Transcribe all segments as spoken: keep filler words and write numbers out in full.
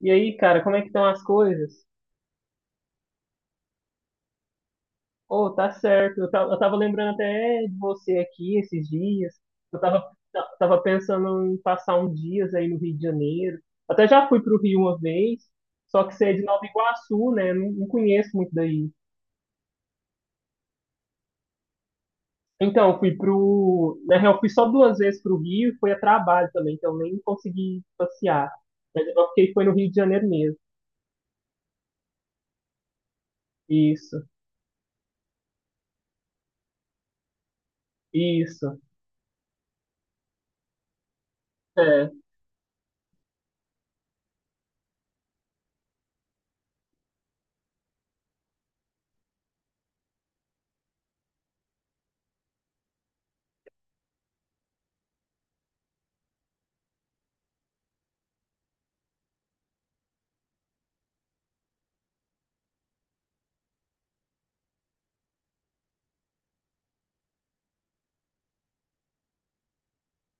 E aí, cara, como é que estão as coisas? Oh, tá certo. Eu, ta- eu tava lembrando até de você aqui esses dias. Eu tava, ta- tava pensando em passar uns dias aí no Rio de Janeiro. Até já fui pro Rio uma vez, só que você é de Nova Iguaçu, né? Não, não conheço muito daí. Então, eu fui pro. Na real, eu fui só duas vezes pro Rio e foi a trabalho também, então nem consegui passear. Mas eu fiquei foi no Rio de Janeiro mesmo. Isso, isso. É.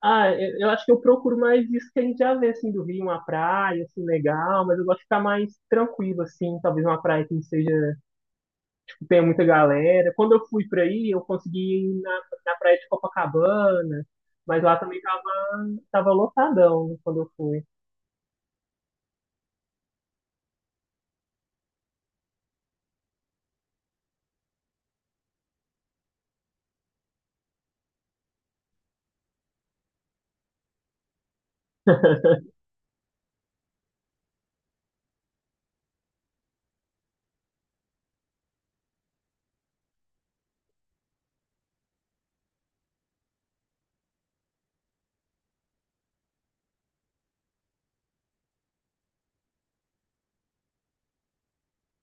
Ah, eu, eu acho que eu procuro mais isso que a gente já vê, assim, do Rio, uma praia, assim, legal, mas eu gosto de ficar mais tranquilo, assim, talvez uma praia que não seja, que tenha muita galera. Quando eu fui pra aí, eu consegui ir na, na praia de Copacabana, mas lá também tava, tava lotadão quando eu fui.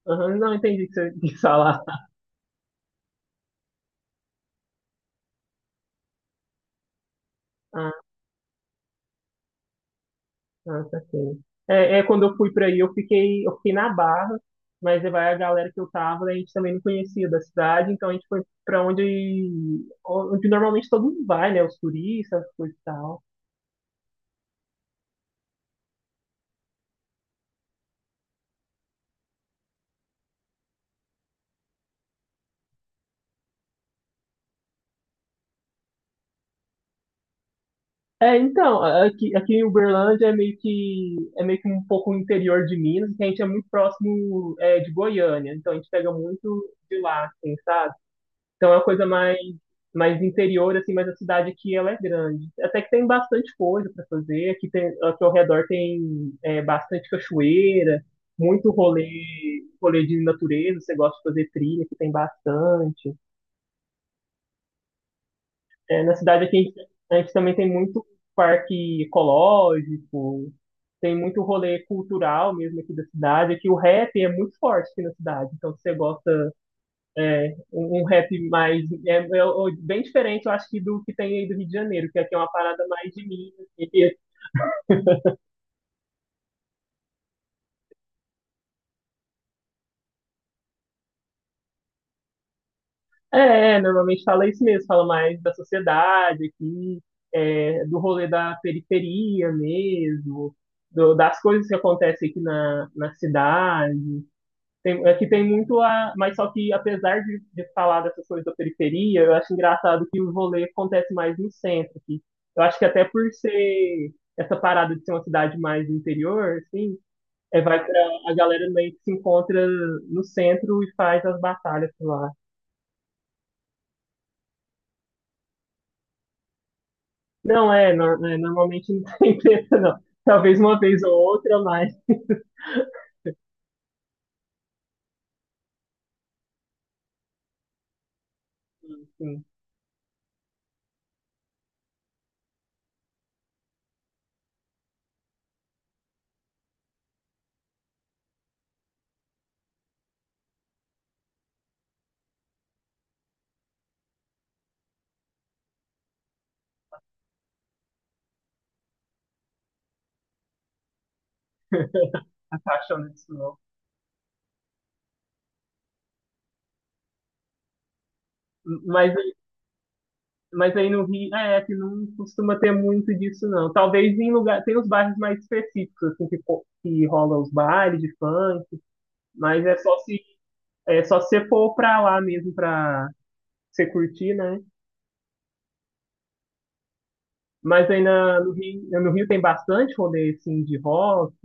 Aham, não entendi o que você quis falar. Ah, saquei. É, é, quando eu fui pra aí, eu fiquei, eu fiquei na Barra, mas vai a galera que eu tava, a gente também não conhecia da cidade, então a gente foi pra onde, onde normalmente todo mundo vai, né? Os turistas, as coisas e tal. É, então, aqui, aqui em Uberlândia é meio que, é meio que um pouco o interior de Minas, que a gente é muito próximo, é, de Goiânia, então a gente pega muito de lá, assim, sabe? Então é uma coisa mais, mais interior, assim, mas a cidade aqui ela é grande. Até que tem bastante coisa para fazer. Aqui, tem, aqui ao redor tem é, bastante cachoeira, muito rolê, rolê de natureza. Você gosta de fazer trilha, que tem bastante. É, na cidade aqui a gente, a gente também tem muito parque ecológico, tem muito rolê cultural mesmo aqui da cidade. Aqui o rap é muito forte aqui na cidade. Então se você gosta. É, um, um rap mais. É, é, é bem diferente, eu acho, que do que tem aí do Rio de Janeiro, que aqui é uma parada mais de mim. assim, que- é, normalmente fala isso mesmo, fala mais da sociedade aqui, é, do rolê da periferia mesmo, do- das coisas que acontecem aqui na, na cidade. Tem, aqui tem muito a. Mas só que, apesar de, de falar dessas coisas da periferia, eu acho engraçado que o rolê acontece mais no centro aqui. Eu acho que até por ser essa parada de ser uma cidade mais do interior, assim, é, vai pra a galera meio que se encontra no centro e faz as batalhas por lá. Não, é, no- é, normalmente não tem treta, não. Talvez uma vez ou outra, mas. Enfim, a paixão disso não. Mas. Mas aí no Rio, é, que não costuma ter muito disso, não. Talvez em lugar, tem os bairros mais específicos, assim, que, fo- que rola os bailes de funk, mas é só se, é só se você for pra lá mesmo pra você curtir, né? Mas aí na, no Rio, no Rio tem bastante rolê, assim, de rock.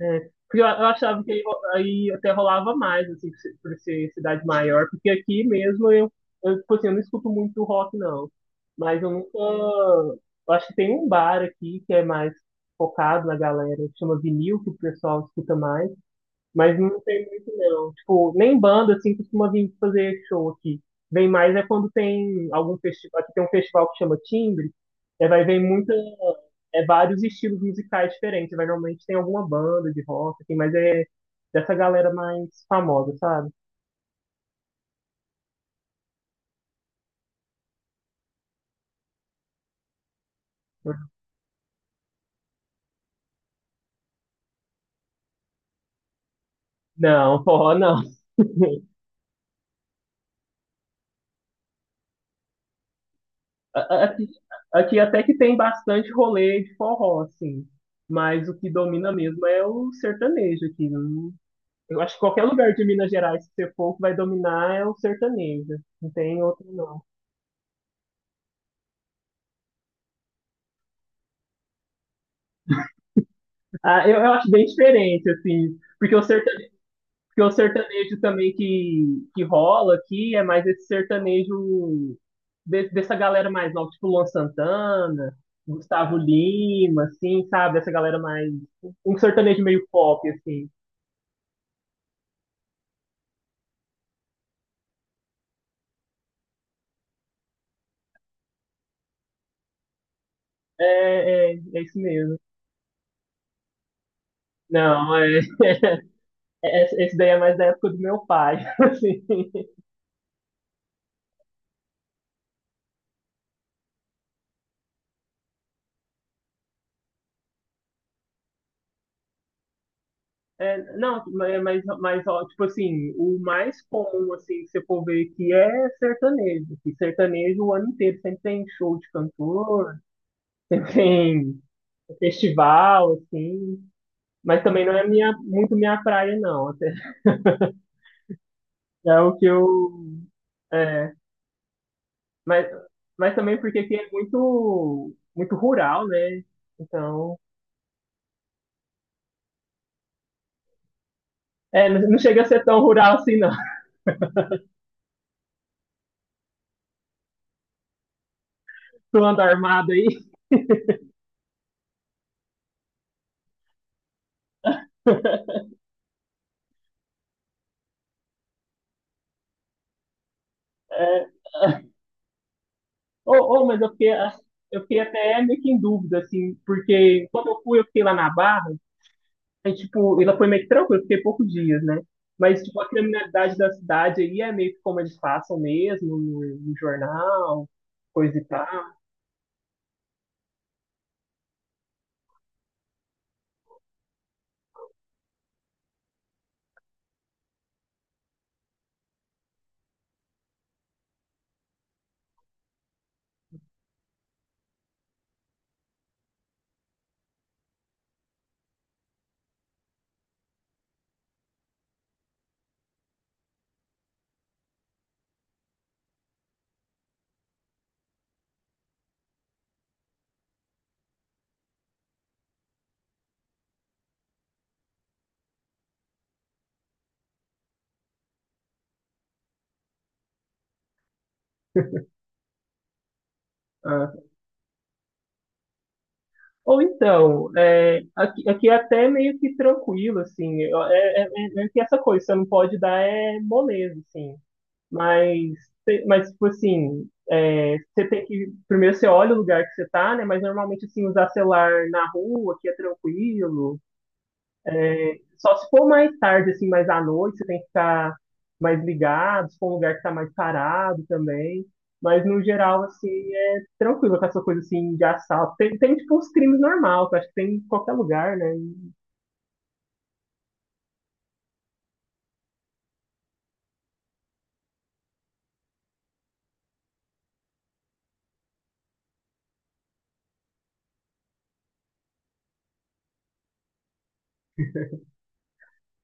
É, porque eu, eu achava que aí, ro- aí até rolava mais, assim, por ser, por ser cidade maior, porque aqui mesmo eu, eu, tipo assim, eu não escuto muito rock, não. Mas eu nunca. Eu acho que tem um bar aqui que é mais focado na galera, que chama Vinil, que o pessoal escuta mais. Mas não tem muito, não. Tipo, nem banda, assim, costuma vir fazer show aqui. Vem mais é quando tem algum festival. Aqui tem um festival que chama Timbre. É, vai ver muita. É vários estilos musicais diferentes. Vai, normalmente tem alguma banda de rock, assim, mas é dessa galera mais famosa, sabe? Não, forró não. A- Aqui, aqui até que tem bastante rolê de forró, assim. Mas o que domina mesmo é o sertanejo aqui. Eu acho que qualquer lugar de Minas Gerais que você for, o que vai dominar é o sertanejo. Não tem outro, não. Ah, eu, eu acho bem diferente, assim. Porque o sertanejo, porque o sertanejo também que, que rola aqui é mais esse sertanejo de- dessa galera mais nova, tipo Luan Santana, Gustavo Lima, assim, sabe? Essa galera mais. Um sertanejo meio pop, assim. É, é, é isso mesmo. Não, é, esse esse daí é mais da época do meu pai, assim. É, não, mas, mas, mas, ó, tipo assim, o mais comum, assim, que você for ver aqui é sertanejo. Que sertanejo o ano inteiro sempre tem show de cantor, sempre tem festival, assim. Mas também não é minha, muito minha praia, não. Até- É o que eu. É, mas, mas também porque aqui é muito, muito rural, né? Então. É, não não chega a ser tão rural assim, não. Tu anda armado aí. É. Ou, ou, mas eu fiquei, ah, eu fiquei até meio que em dúvida, assim, porque quando eu fui, eu fiquei lá na Barra, aí, tipo, ela foi meio que tranquila, eu fiquei poucos dias, né? Mas, tipo, a criminalidade da cidade aí é meio que como eles passam mesmo, no, no jornal, coisa e tal. Ah. Ou então, é, aqui, aqui é até meio que tranquilo, assim. É, é, é meio que essa coisa, você não pode dar é moleza, assim. Mas, te- mas tipo assim, é, você tem que. Primeiro você olha o lugar que você tá, né? Mas normalmente, assim, usar celular na rua, aqui é tranquilo. É, só se for mais tarde, assim, mais à noite, você tem que ficar mais ligado, se for um lugar que tá mais parado também. Mas no geral, assim, é tranquilo com essa coisa assim de assalto. Tem, tem tipo uns crimes normais, que eu acho que tem em qualquer lugar, né?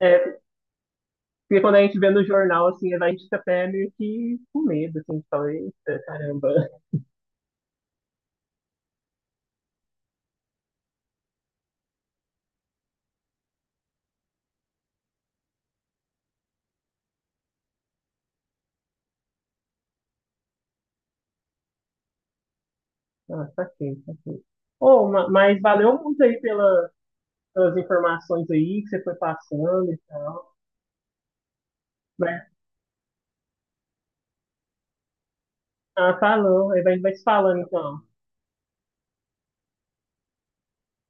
É, porque quando a gente vê no jornal, assim, a gente fica até meio que com medo, assim, de falar, eita, caramba. Ah, tá quente, tá quente. Oh, ma- mas valeu muito aí pela- pelas informações aí que você foi passando e tal. Mas, ah, falou, aí a gente vai se falando então.